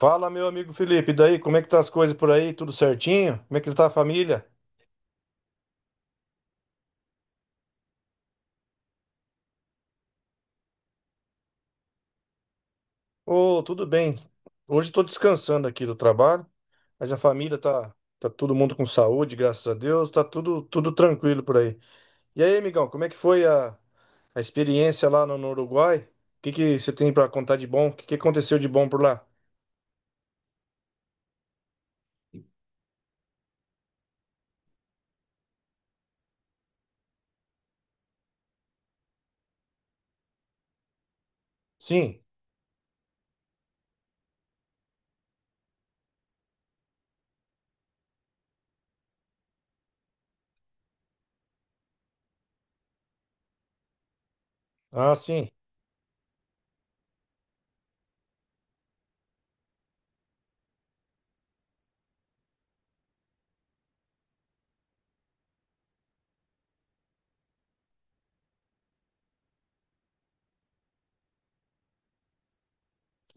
Fala, meu amigo Felipe, e daí, como é que tá as coisas por aí? Tudo certinho? Como é que tá a família? Ô, tudo bem. Hoje estou descansando aqui do trabalho, mas a família tá todo mundo com saúde, graças a Deus, tá tudo tranquilo por aí. E aí, amigão, como é que foi a experiência lá no Uruguai? O que que você tem para contar de bom? O que que aconteceu de bom por lá? Sim. Ah, sim.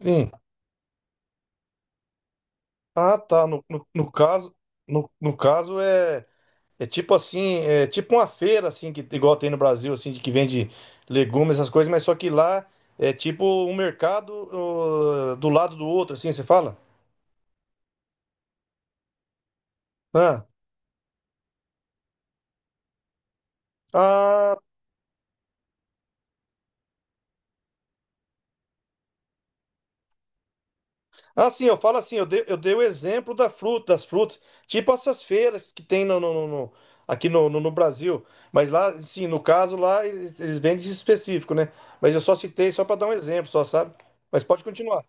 Sim. Ah, tá. No caso, é tipo assim, é tipo uma feira assim que igual tem no Brasil assim de que vende legumes essas coisas, mas só que lá é tipo um mercado ô, do lado do outro assim, você fala? Ah, ah, ah, sim, eu falo assim, eu dei o exemplo da fruta, das frutas, tipo essas feiras que tem aqui no Brasil, mas lá, sim, no caso lá eles vendem esse específico, né? Mas eu só citei só para dar um exemplo, só sabe? Mas pode continuar.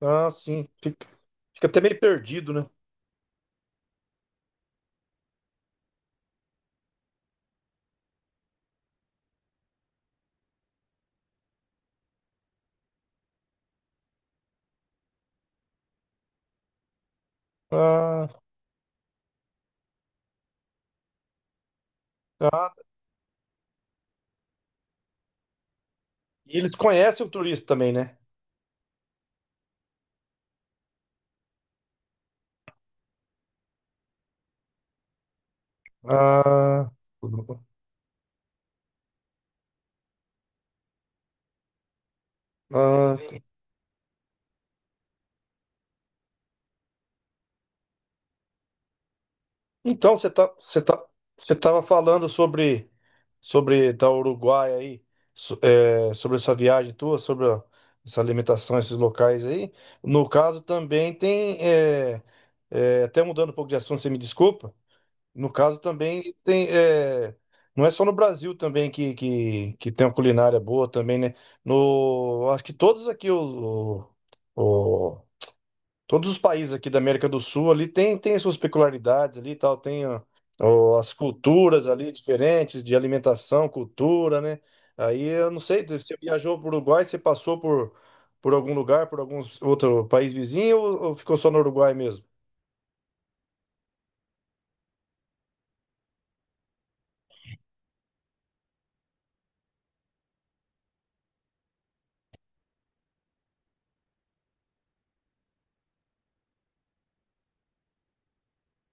Ah, sim, fica até meio perdido, né? Ah, ah, e eles conhecem o turista também, né? Ah, ah, então você tá, você tava falando sobre da Uruguai aí, sobre essa viagem tua, essa alimentação, esses locais aí. No caso também tem até mudando um pouco de assunto, você me desculpa. No caso também tem, não é só no Brasil também que tem uma culinária boa também, né? No acho que todos aqui o, Todos os países aqui da América do Sul ali tem suas peculiaridades ali e tal, tem ó, as culturas ali diferentes de alimentação, cultura, né? Aí eu não sei, você viajou para o Uruguai, você passou por algum lugar, por algum outro país vizinho ou ficou só no Uruguai mesmo?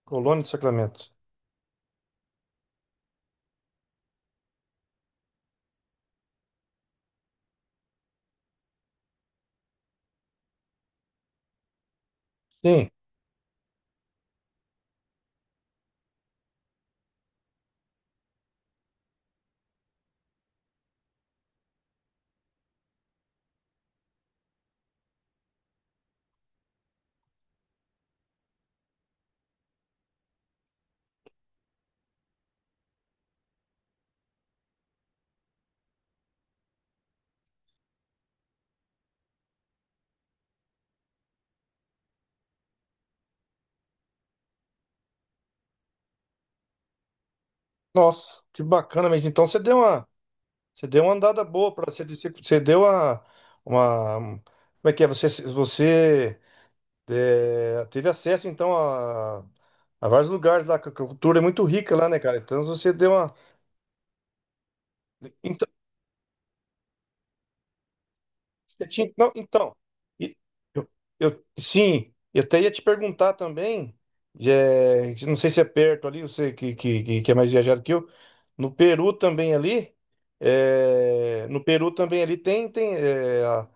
Colônia de Sacramento. Sim. Nossa, que bacana, mas então você deu uma andada boa para você, como é que é? Você teve acesso, então, a vários lugares lá, que a cultura é muito rica lá, né, cara? Então, se você deu uma. Não, então, e- eu, sim, eu até ia te perguntar também, não sei se é perto ali, você que é mais viajado que eu, no Peru também ali, é, no Peru também ali tem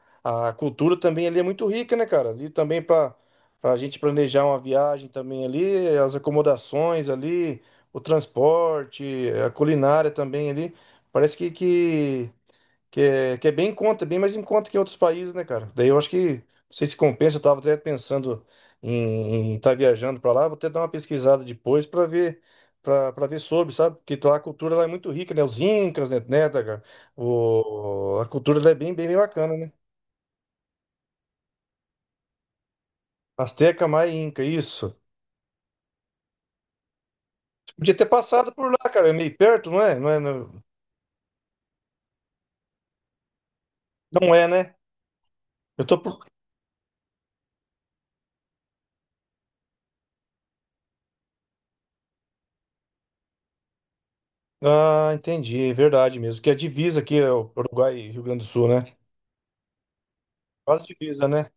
a cultura também ali é muito rica, né, cara? Ali também para a gente planejar uma viagem também ali, as acomodações ali, o transporte, a culinária também ali, parece que é bem em conta, bem mais em conta que em outros países, né, cara? Daí eu acho que, não sei se compensa, eu tava até pensando em estar viajando pra lá, vou até dar uma pesquisada depois pra ver, pra ver sobre, sabe? Porque lá a cultura lá é muito rica, né? Os incas, né, tá, cara? A cultura lá é bem, bem, bem bacana, né? Azteca, Maia, e Inca, isso. Podia ter passado por lá, cara, é meio perto, não é? Não é, não não é, né? Eu tô por. Ah, entendi, é verdade mesmo, que é a divisa aqui, é o Uruguai e Rio Grande do Sul, né? Quase divisa, né?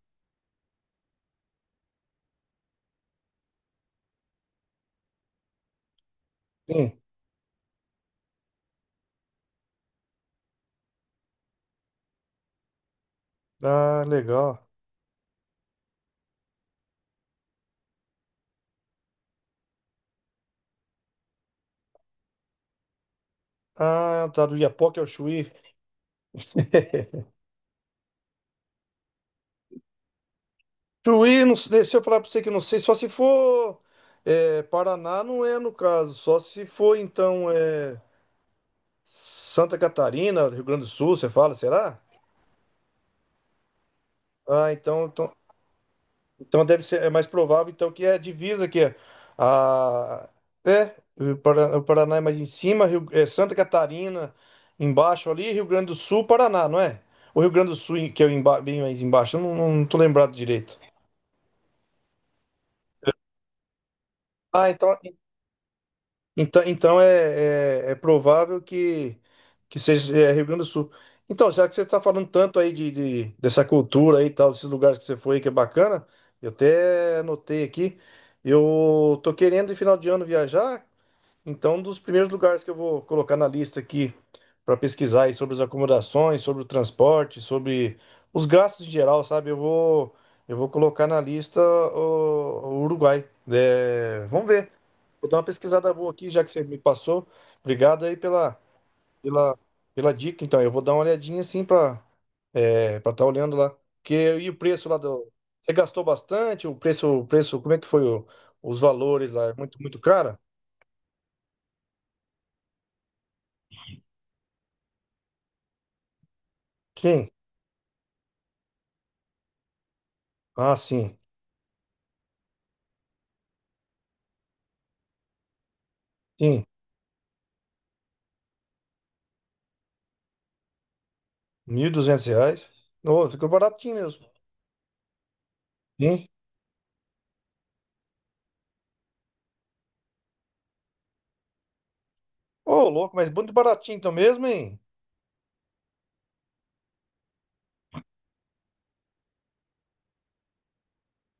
Sim. Ah, legal. Ah, tá, do Iapoque ao Chuí. Chuí, não sei, se eu falar pra você que eu não sei, só se for Paraná, não é no caso, só se for então Santa Catarina, Rio Grande do Sul, você fala, será? Ah, então, deve ser, é mais provável então que é a divisa que é a é o Para- o Paraná é mais em cima, Santa Catarina embaixo ali, Rio Grande do Sul, Paraná, não é? O Rio Grande do Sul que é bem mais embaixo, eu não tô lembrado direito. Ah, então, é provável que seja Rio Grande do Sul. Então, já que você está falando tanto aí de, dessa cultura aí e tal, desses lugares que você foi que é bacana, eu até anotei aqui. Eu tô querendo, de final de ano, viajar. Então, um dos primeiros lugares que eu vou colocar na lista aqui para pesquisar aí sobre as acomodações, sobre o transporte, sobre os gastos em geral, sabe? Eu vou colocar na lista o Uruguai. É, vamos ver. Vou dar uma pesquisada boa aqui, já que você me passou. Obrigado aí pela, pela dica. Então, eu vou dar uma olhadinha assim para estar olhando lá. Que, e o preço lá do. Você gastou bastante? O preço, como é que foi os valores lá? É muito, muito caro? Sim. Ah, sim. Sim. 1.200 reais. Ô, ficou baratinho mesmo. Sim. Ô, louco, mas muito baratinho então mesmo, hein?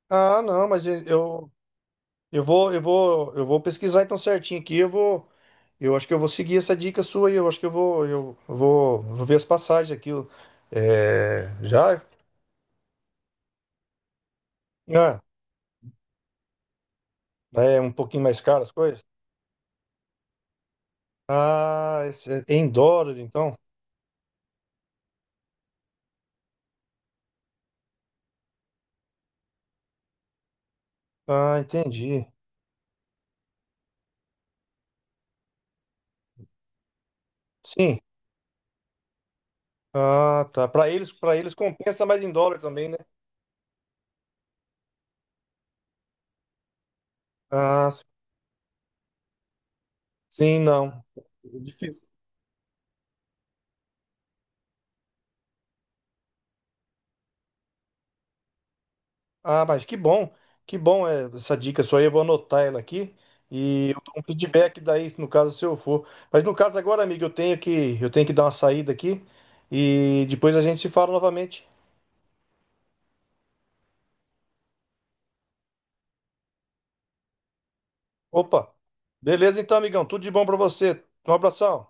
Ah, não, mas eu vou pesquisar então certinho aqui. Eu acho que eu vou seguir essa dica sua aí. Eu acho que vou ver as passagens aqui. É, já? Ah, é um pouquinho mais caro as coisas? Ah, esse é em dólar então? Ah, entendi. Sim. Ah, tá. Para eles compensa mais em dólar também, né? Ah, sim, não. É difícil. Ah, mas que bom essa dica sua aí, eu vou anotar ela aqui e eu dou um feedback daí, no caso, se eu for. Mas no caso agora, amigo, eu tenho que dar uma saída aqui e depois a gente se fala novamente. Opa, beleza então, amigão, tudo de bom pra você. Um abração.